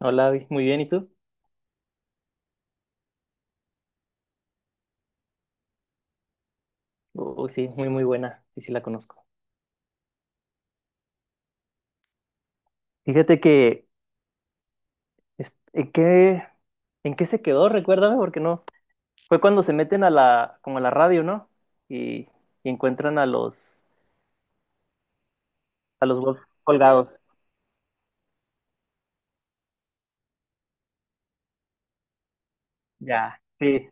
Hola, Abby. Muy bien, ¿y tú? Uy, sí, muy, muy buena, sí, sí la conozco. Fíjate que, es- ¿en qué, en qué se quedó? Recuérdame, porque no. Fue cuando se meten como a la radio, ¿no? Y, y encuentran a los Wolf colgados. Ya, sí,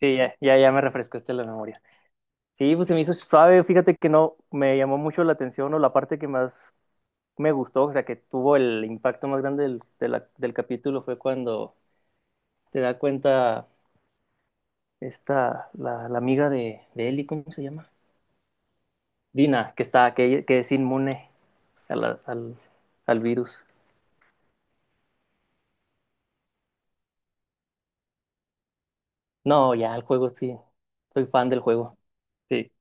sí, ya, ya, ya me refrescaste la memoria. Sí, pues se me hizo suave, fíjate que no, me llamó mucho la atención o la parte que más me gustó, o sea, que tuvo el impacto más grande del capítulo fue cuando te da cuenta. La amiga de Eli, ¿cómo se llama? Dina, que es inmune a la- al, al virus. No, ya, el juego sí. Soy fan del juego. Sí.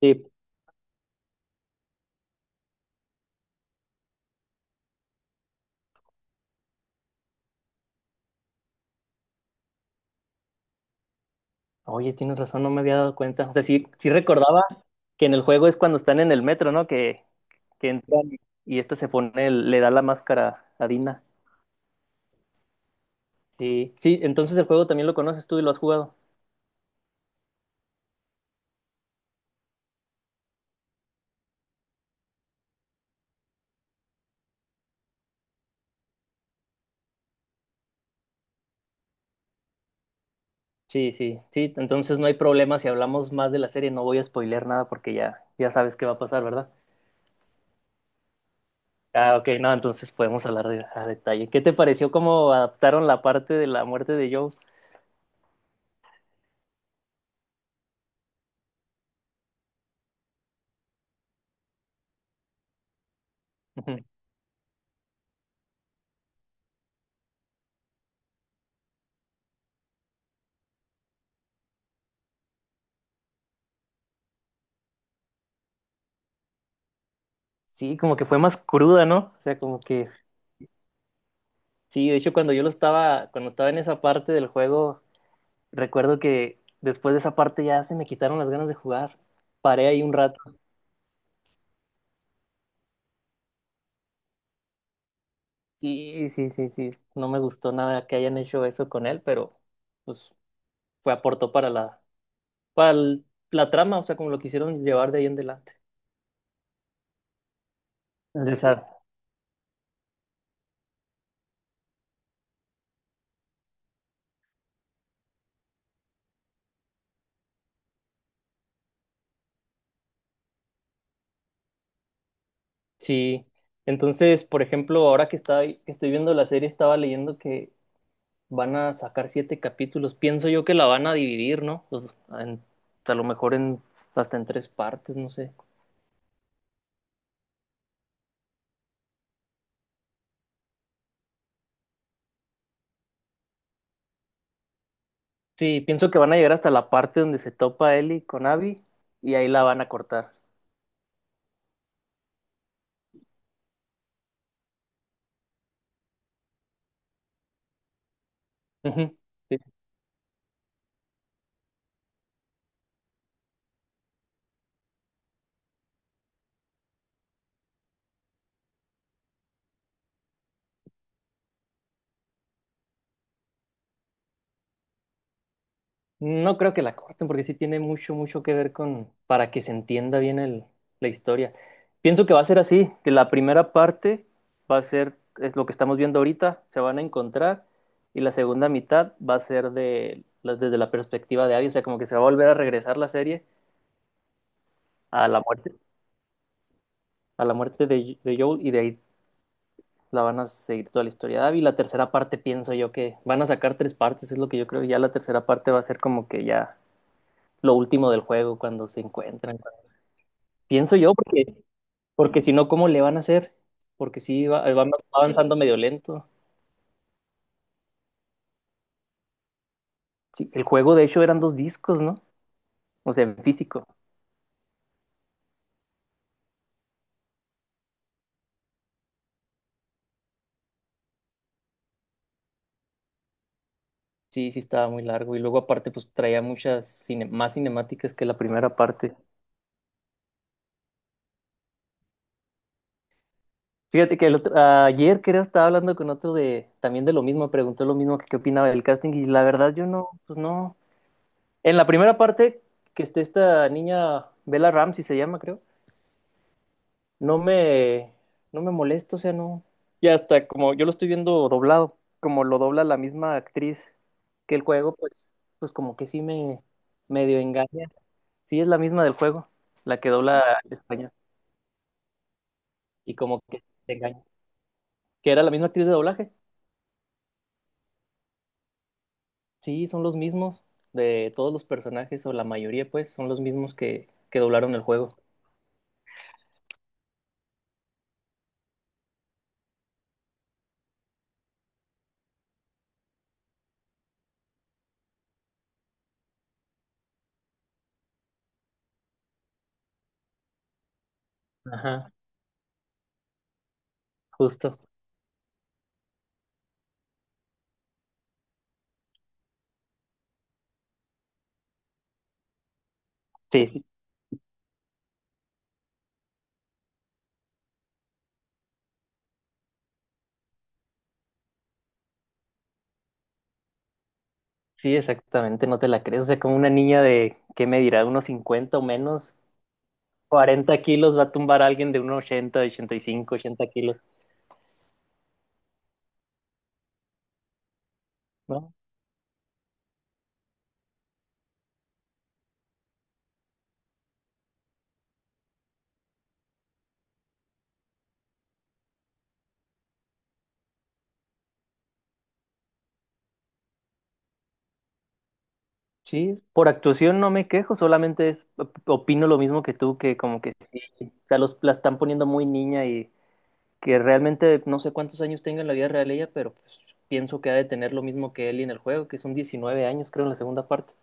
Sí. Oye, tienes razón, no me había dado cuenta. O sea, sí, sí recordaba que en el juego es cuando están en el metro, ¿no? Que entran y este se pone, le da la máscara a Dina. Sí. Sí, entonces el juego también lo conoces tú y lo has jugado. Sí, sí, sí, entonces no hay problema si hablamos más de la serie, no voy a spoilear nada porque ya sabes qué va a pasar, ¿verdad? Ah, ok, no, entonces podemos hablar a detalle. ¿Qué te pareció cómo adaptaron la parte de la muerte de Joe? Ujú. Sí, como que fue más cruda, ¿no? O sea, como que sí, de hecho cuando estaba en esa parte del juego, recuerdo que después de esa parte ya se me quitaron las ganas de jugar. Paré ahí un rato. Sí, sí, sí, sí, no me gustó nada que hayan hecho eso con él, pero pues fue aportó para la para el- la trama, o sea, como lo quisieron llevar de ahí en adelante. El desarrollo. Sí, entonces, por ejemplo, que estoy viendo la serie, estaba leyendo que van a sacar siete capítulos. Pienso yo que la van a dividir, ¿no? A lo mejor hasta en tres partes, no sé. Sí, pienso que van a llegar hasta la parte donde se topa Ellie con Abby y ahí la van a cortar. Ujú. No creo que la corten porque sí tiene mucho, mucho que ver con para que se entienda bien la historia. Pienso que va a ser así, que la primera parte va a ser, es lo que estamos viendo ahorita, se van a encontrar y la segunda mitad va a ser desde la perspectiva de Abby, o sea, como que se va a volver a regresar la serie a la muerte, a la muerte de Joel y de ahí la van a seguir toda la historia de Abby. La tercera parte pienso yo que van a sacar tres partes, es lo que yo creo, y ya la tercera parte va a ser como que ya lo último del juego cuando se encuentran. Pienso yo, porque si no, ¿cómo le van a hacer? Porque sí, va avanzando medio lento. Sí, el juego, de hecho, eran dos discos, ¿no? O sea, en físico. Sí, sí, estaba muy largo. Y luego, aparte, pues traía más cinemáticas que la primera parte. Fíjate que ayer, creo, estaba hablando con otro de también de lo mismo, preguntó lo mismo que qué opinaba del casting. Y la verdad, yo no, pues no. En la primera parte, que esté esta niña, Bella Ramsey se llama, creo. no me, no me molesto, o sea, no. Y hasta como yo lo estoy viendo doblado, como lo dobla la misma actriz que el juego, pues como que sí me medio engaña. Sí es la misma del juego, la que dobla en español, y como que te engaña. Que era la misma actriz de doblaje. Sí, son los mismos de todos los personajes, o la mayoría, pues, son los mismos que doblaron el juego. Ajá, justo. Sí, sí, sí, exactamente, no te la crees. O sea, como una niña de, ¿qué me dirá? Unos 50 o menos. 40 kilos va a tumbar a alguien de unos 80, 85, 80 kilos, ¿no? Sí, por actuación no me quejo, solamente opino lo mismo que tú, que como que sí, o sea, la están poniendo muy niña y que realmente no sé cuántos años tenga en la vida real ella, pero pues, pienso que ha de tener lo mismo que Ellie en el juego, que son 19 años, creo, en la segunda parte.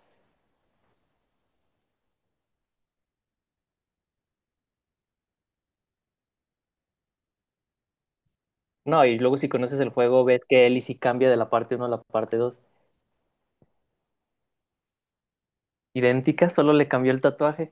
No, y luego si conoces el juego, ves que Ellie sí cambia de la parte uno a la parte dos. Idéntica, solo le cambió el tatuaje.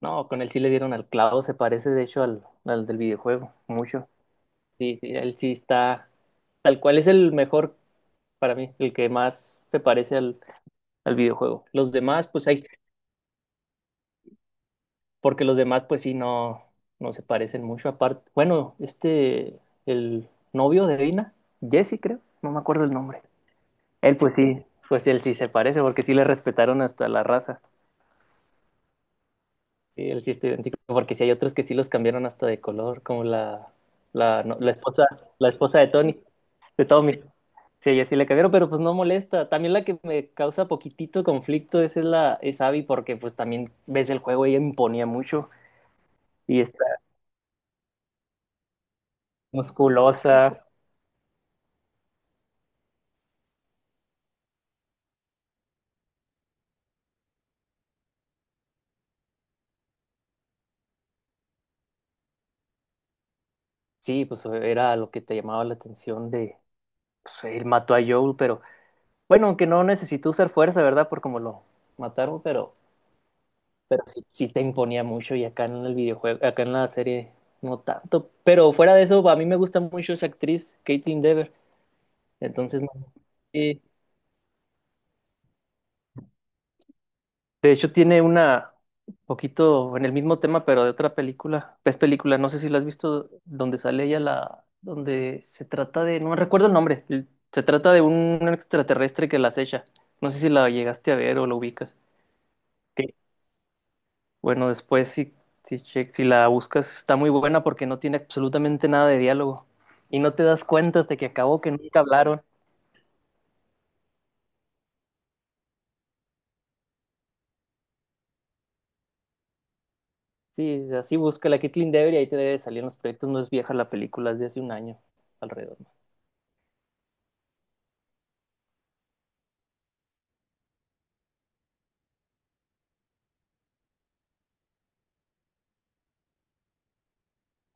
No, con él sí le dieron al clavo, se parece de hecho al del videojuego, mucho. Sí, sí, él sí está. Tal cual es el mejor para mí, el que más se parece al videojuego. Los demás, porque los demás, pues sí, no, no se parecen mucho. Aparte, bueno, el novio de Dina, Jesse, creo, no me acuerdo el nombre. Él, pues sí, pues él sí se parece, porque sí le respetaron hasta la raza. Sí, él sí está idéntico, porque sí hay otros que sí los cambiaron hasta de color, como la, no, la esposa de Tommy. Sí, ella sí le cambiaron, pero pues no molesta. También la que me causa poquitito conflicto esa es es Abby, porque pues también ves el juego, ella imponía mucho y está musculosa. Sí, pues era lo que te llamaba la atención pues él mató a Joel, pero bueno, aunque no necesitó usar fuerza, ¿verdad? Por como lo mataron, pero sí, sí te imponía mucho y acá en el videojuego, acá en la serie no tanto. Pero fuera de eso, a mí me gusta mucho esa actriz, Caitlin Dever. Entonces, no. Eh, de hecho, tiene una poquito en el mismo tema, pero de otra película. Es película, no sé si la has visto, donde sale ella donde se trata de, no recuerdo el nombre, se trata de un extraterrestre que la acecha. No sé si la llegaste a ver o la ubicas. Bueno, después si la buscas está muy buena porque no tiene absolutamente nada de diálogo y no te das cuenta hasta que acabó que nunca hablaron. Sí, así busca la Kathleen Devery y ahí te debe salir en los proyectos. No es vieja la película, es de hace un año alrededor.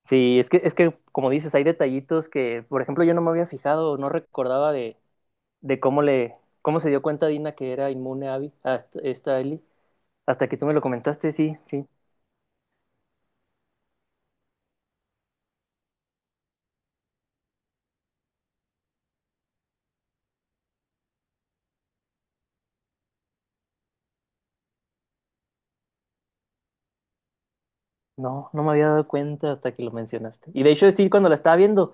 Sí, es que como dices, hay detallitos que, por ejemplo, yo no me había fijado, no recordaba de cómo se dio cuenta Dina que era inmune a Abby, a esta Ellie. Hasta que tú me lo comentaste, sí, sí. No, no me había dado cuenta hasta que lo mencionaste. Y de hecho, sí, cuando la estaba viendo.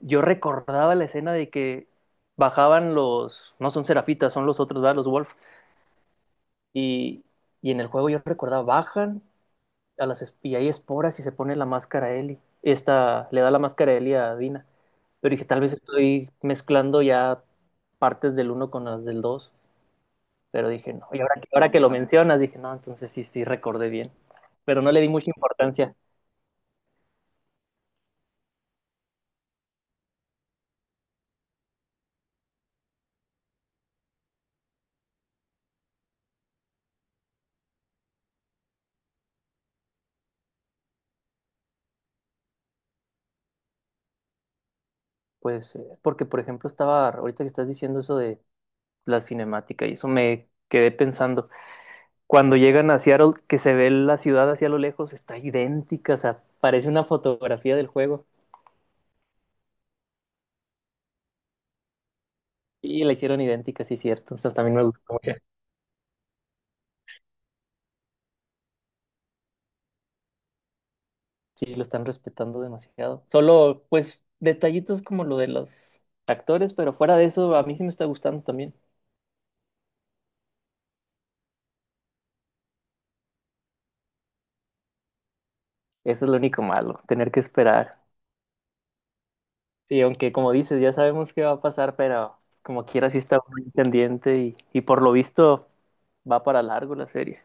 Yo recordaba la escena de que bajaban los, no son serafitas, son los otros, ¿verdad? Los wolf. Y, y en el juego yo recordaba, bajan y hay esporas y se pone la máscara a Ellie. Esta le da la máscara a Ellie a Dina. Pero dije, tal vez estoy mezclando ya partes del uno con las del dos. Pero dije, no. Y ahora, ahora que lo mencionas, dije, no, entonces sí, sí, recordé bien. Pero no le di mucha importancia. Pues, porque por ejemplo ahorita que estás diciendo eso de la cinemática y eso me quedé pensando. Cuando llegan a Seattle, que se ve la ciudad hacia lo lejos, está idéntica, o sea, parece una fotografía del juego. Y la hicieron idéntica, sí, cierto. O sea, también me gustó mucho. Sí, lo están respetando demasiado. Solo, pues, detallitos como lo de los actores, pero fuera de eso, a mí sí me está gustando también. Eso es lo único malo, tener que esperar. Sí, aunque como dices, ya sabemos qué va a pasar, pero como quiera sí está muy pendiente y por lo visto va para largo la serie.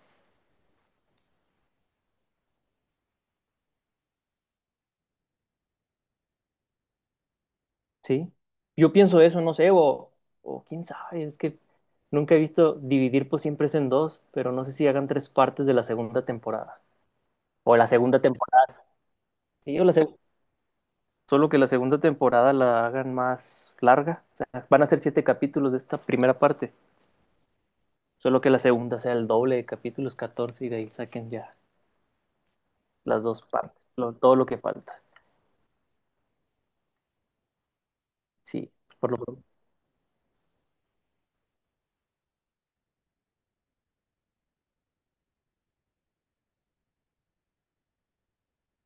Sí, yo pienso eso, no sé, o quién sabe, es que nunca he visto dividir pues siempre es en dos, pero no sé si hagan tres partes de la segunda temporada. O la segunda temporada, sí, solo que la segunda temporada la hagan más larga. O sea, van a ser siete capítulos de esta primera parte, solo que la segunda sea el doble de capítulos, 14 y de ahí saquen ya las dos partes, todo lo que falta. Sí, por lo pronto.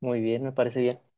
Muy bien, me parece bien.